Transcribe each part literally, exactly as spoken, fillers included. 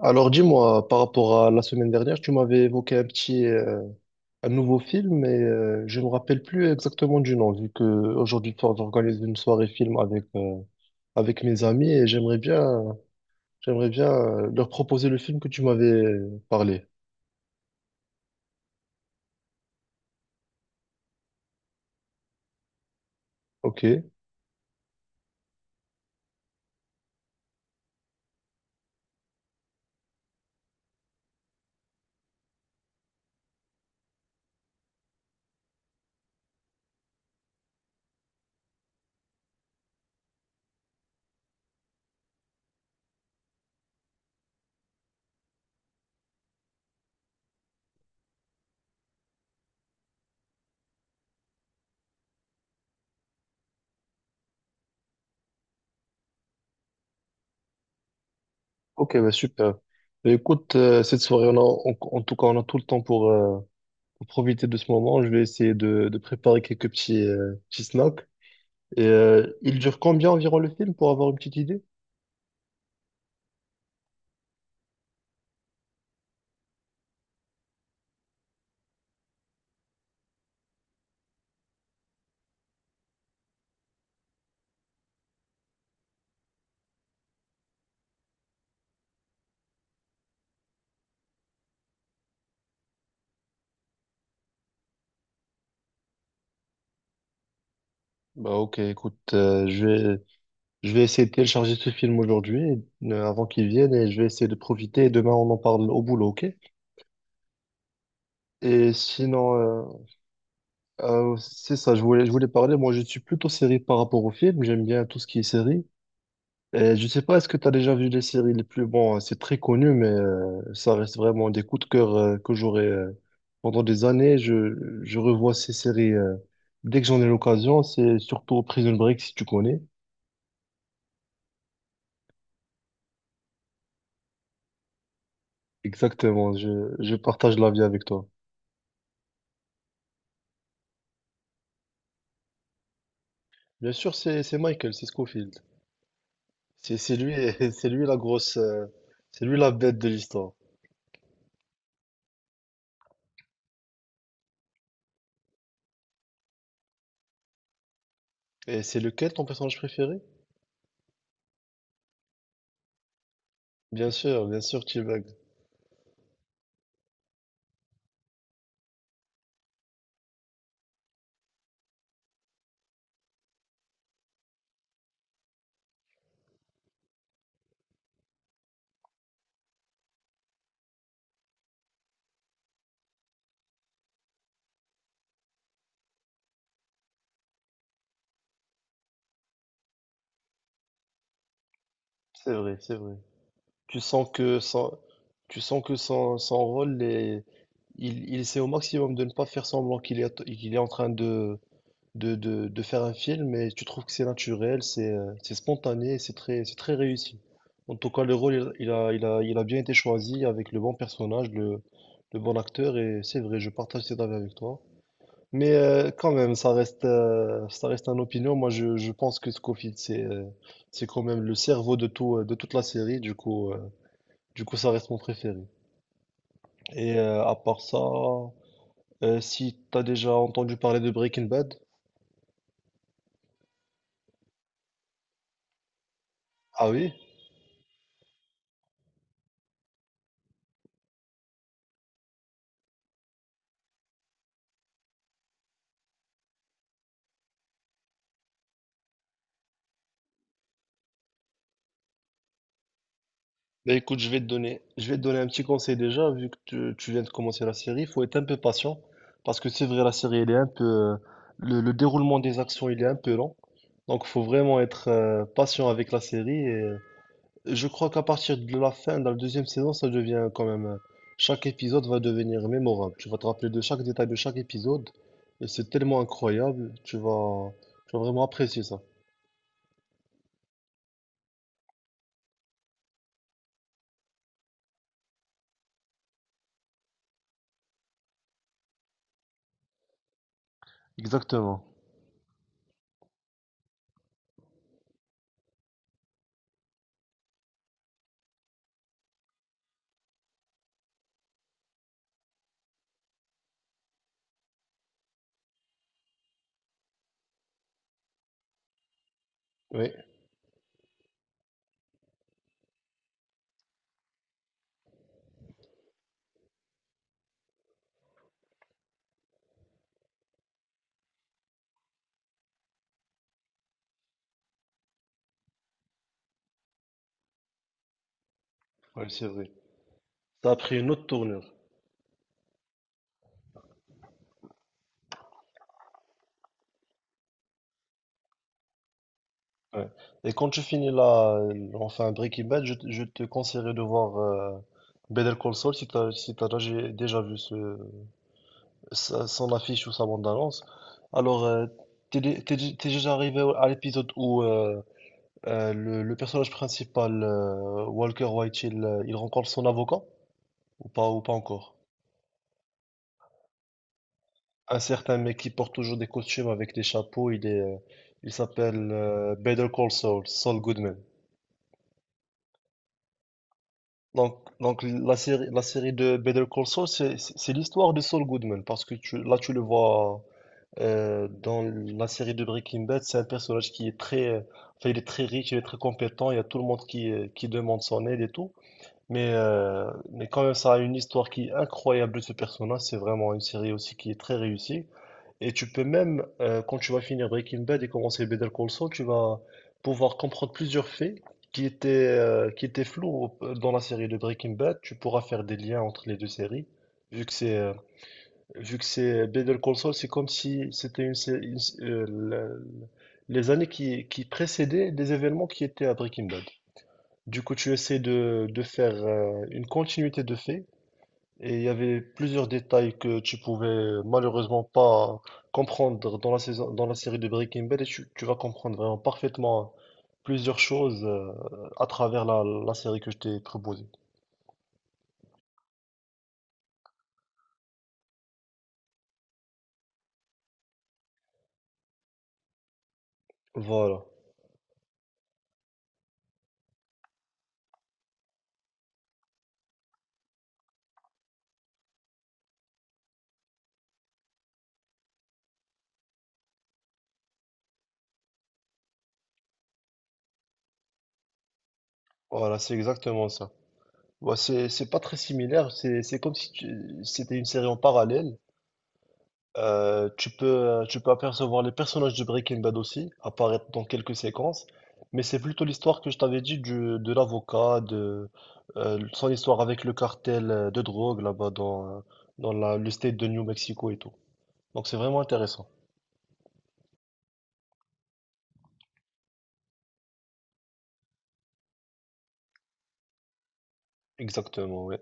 Alors dis-moi, par rapport à la semaine dernière, tu m'avais évoqué un petit, euh, un nouveau film, mais euh, je ne me rappelle plus exactement du nom, vu que aujourd'hui soir, j'organise une soirée film avec, euh, avec mes amis et j'aimerais bien, j'aimerais bien euh, leur proposer le film que tu m'avais euh, parlé. Ok, ok, bah super. Bah, écoute, euh, cette soirée, on a, en en tout cas, on a tout le temps pour, euh, pour profiter de ce moment. Je vais essayer de, de préparer quelques petits, euh, petits snacks. Et euh, il dure combien environ le film pour avoir une petite idée? Bah ok, écoute, euh, je vais, je vais essayer de télécharger ce film aujourd'hui, euh, avant qu'il vienne, et je vais essayer de profiter, et demain on en parle au boulot, ok? Et sinon, euh, euh, c'est ça, je voulais, je voulais parler, moi je suis plutôt série par rapport au film, j'aime bien tout ce qui est série. Et je sais pas, est-ce que tu as déjà vu les séries les plus... Bon, c'est très connu, mais euh, ça reste vraiment des coups de cœur euh, que j'aurai euh, pendant des années. Je, je revois ces séries euh, dès que j'en ai l'occasion, c'est surtout Prison Break, si tu connais. Exactement, je, je partage l'avis avec toi. Bien sûr, c'est c'est Michael, c'est Scofield. C'est c'est lui, c'est lui la grosse, euh, c'est lui la bête de l'histoire. Et c'est lequel ton personnage préféré? Bien sûr, bien sûr, T-Bag. C'est vrai, c'est vrai. Tu sens que son, tu sens que son, son rôle est, il, il essaie au maximum de ne pas faire semblant qu'il est, qu'il est en train de, de, de, de faire un film et tu trouves que c'est naturel, c'est euh, c'est spontané, et c'est très, c'est très réussi. En tout cas, le rôle, il, il a, il a, il a bien été choisi avec le bon personnage, le, le bon acteur et c'est vrai, je partage cet avis avec toi. Mais euh, quand même, ça reste, euh, ça reste une opinion. Moi, je, je pense que Scofield, c'est euh, c'est quand même le cerveau de tout, euh, de toute la série. Du coup, euh, du coup, ça reste mon préféré. Et euh, à part ça, euh, si t'as déjà entendu parler de Breaking Bad, ah oui? Bah écoute, je vais te donner, je vais te donner un petit conseil déjà, vu que tu, tu viens de commencer la série, il faut être un peu patient, parce que c'est vrai, la série, elle est un peu, euh, le, le déroulement des actions, il est un peu lent, donc faut vraiment être euh, patient avec la série, et je crois qu'à partir de la fin, dans la deuxième saison, ça devient quand même, euh, chaque épisode va devenir mémorable, tu vas te rappeler de chaque détail de chaque épisode, et c'est tellement incroyable, tu vas, tu vas vraiment apprécier ça. Exactement. Oui, ouais, c'est vrai. Ça a pris une autre tournure. Ouais. Et quand tu finis la, enfin Breaking Bad, je, te je te conseillerais de voir euh, Better Call Saul si t'as, si t'as déjà déjà vu ce, sa- son affiche ou sa bande-annonce. Alors, euh, t'es, dé- t'es dé- t'es déjà arrivé au- à l'épisode où euh, euh, le, le personnage principal, euh, Walker White, il, euh, il rencontre son avocat ou pas, ou pas encore? Un certain mec qui porte toujours des costumes avec des chapeaux, il est, euh, il s'appelle euh, Better Call Saul, Saul Goodman. Donc, donc la série, la série de Better Call Saul, c'est c'est- c'est l'histoire de Saul Goodman, parce que tu, là, tu le vois euh, dans la série de Breaking Bad, c'est un personnage qui est très, euh, enfin, il est très riche, il est très compétent, il y a tout le monde qui, euh, qui demande son aide et tout. Mais, euh, mais quand même, ça a une histoire qui est incroyable de ce personnage. C'est vraiment une série aussi qui est très réussie. Et tu peux même, euh, quand tu vas finir Breaking Bad et commencer Better Call Saul, tu vas pouvoir comprendre plusieurs faits qui étaient, euh, qui étaient flous au- dans la série de Breaking Bad. Tu pourras faire des liens entre les deux séries. Vu que c'est, euh, vu que c'est Better Call Saul, c'est comme si c'était une, sé- une sé- euh, la- les années qui, qui précédaient des événements qui étaient à Breaking Bad. Du coup, tu essaies de, de faire euh, une continuité de faits et il y avait plusieurs détails que tu pouvais euh, malheureusement pas comprendre dans la saison, dans la série de Breaking Bad et tu, tu vas comprendre vraiment parfaitement hein, plusieurs choses euh, à travers la, la série que je t'ai proposée. Voilà, voilà, c'est exactement ça. Ouais, c'est, c'est pas très similaire, c'est, c'est comme si tu- c'était une série en parallèle. Euh, tu peux, euh, tu peux apercevoir les personnages de Breaking Bad aussi, apparaître dans quelques séquences, mais c'est plutôt l'histoire que je t'avais dit du- de l'avocat, de euh, son histoire avec le cartel euh, de drogue là-bas dans, euh, dans la- le state de New Mexico et tout. Donc c'est vraiment intéressant. Exactement, ouais.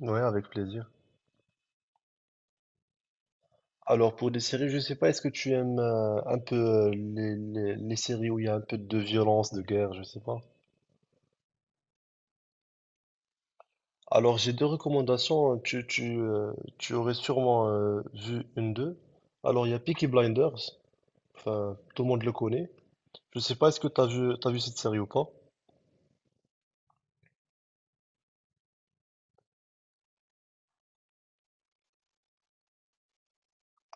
Ouais, avec plaisir. Alors pour des séries, je sais pas, est-ce que tu aimes euh, un peu euh, les, les les séries où il y a un peu de violence, de guerre, je sais pas. Alors, j'ai deux recommandations. Hein. Tu, tu, euh, tu aurais sûrement euh, vu une d'eux. Alors, il y a Peaky Blinders. Enfin, tout le monde le connaît. Je sais pas, est-ce que tu vu, t'as vu cette série ou pas?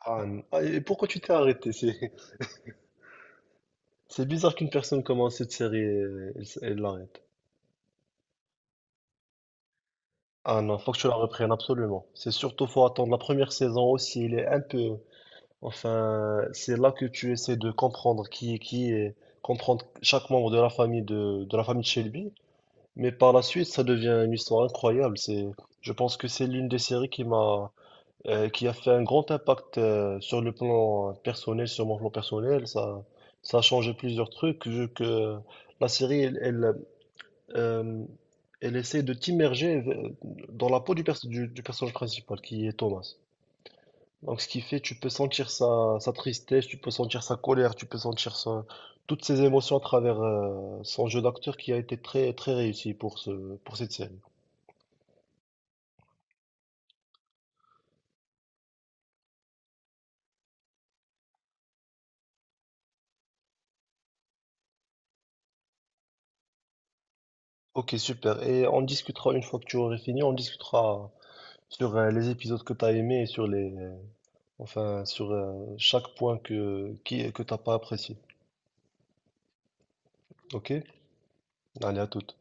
Ah, n- ah, et pourquoi tu t'es arrêté? C'est, c'est bizarre qu'une personne commence cette série et elle, s- elle l'arrête. Ah non, faut que tu la reprennes absolument. C'est surtout, faut attendre la première saison aussi. Il est un peu. Enfin, c'est là que tu essaies de comprendre qui est qui et comprendre chaque membre de la famille de, de la famille de Shelby. Mais par la suite, ça devient une histoire incroyable. C'est, je pense que c'est l'une des séries qui m'a, euh, qui a fait un grand impact euh, sur le plan personnel, sur mon plan personnel. Ça, ça a changé plusieurs trucs. Vu que la série, elle, elle, euh, elle essaie de t'immerger v- dans la peau du, perso- du, du personnage principal, qui est Thomas. Donc, ce qui fait, tu peux sentir sa, sa tristesse, tu peux sentir sa colère, tu peux sentir sa- toutes ses émotions à travers euh, son jeu d'acteur qui a été très, très réussi pour ce, pour cette série. Ok, super. Et on discutera une fois que tu aurais fini, on discutera sur euh, les épisodes que tu as aimés et sur les, euh, enfin, sur euh, chaque point que qui que t'as pas apprécié. Ok? Allez, à toute.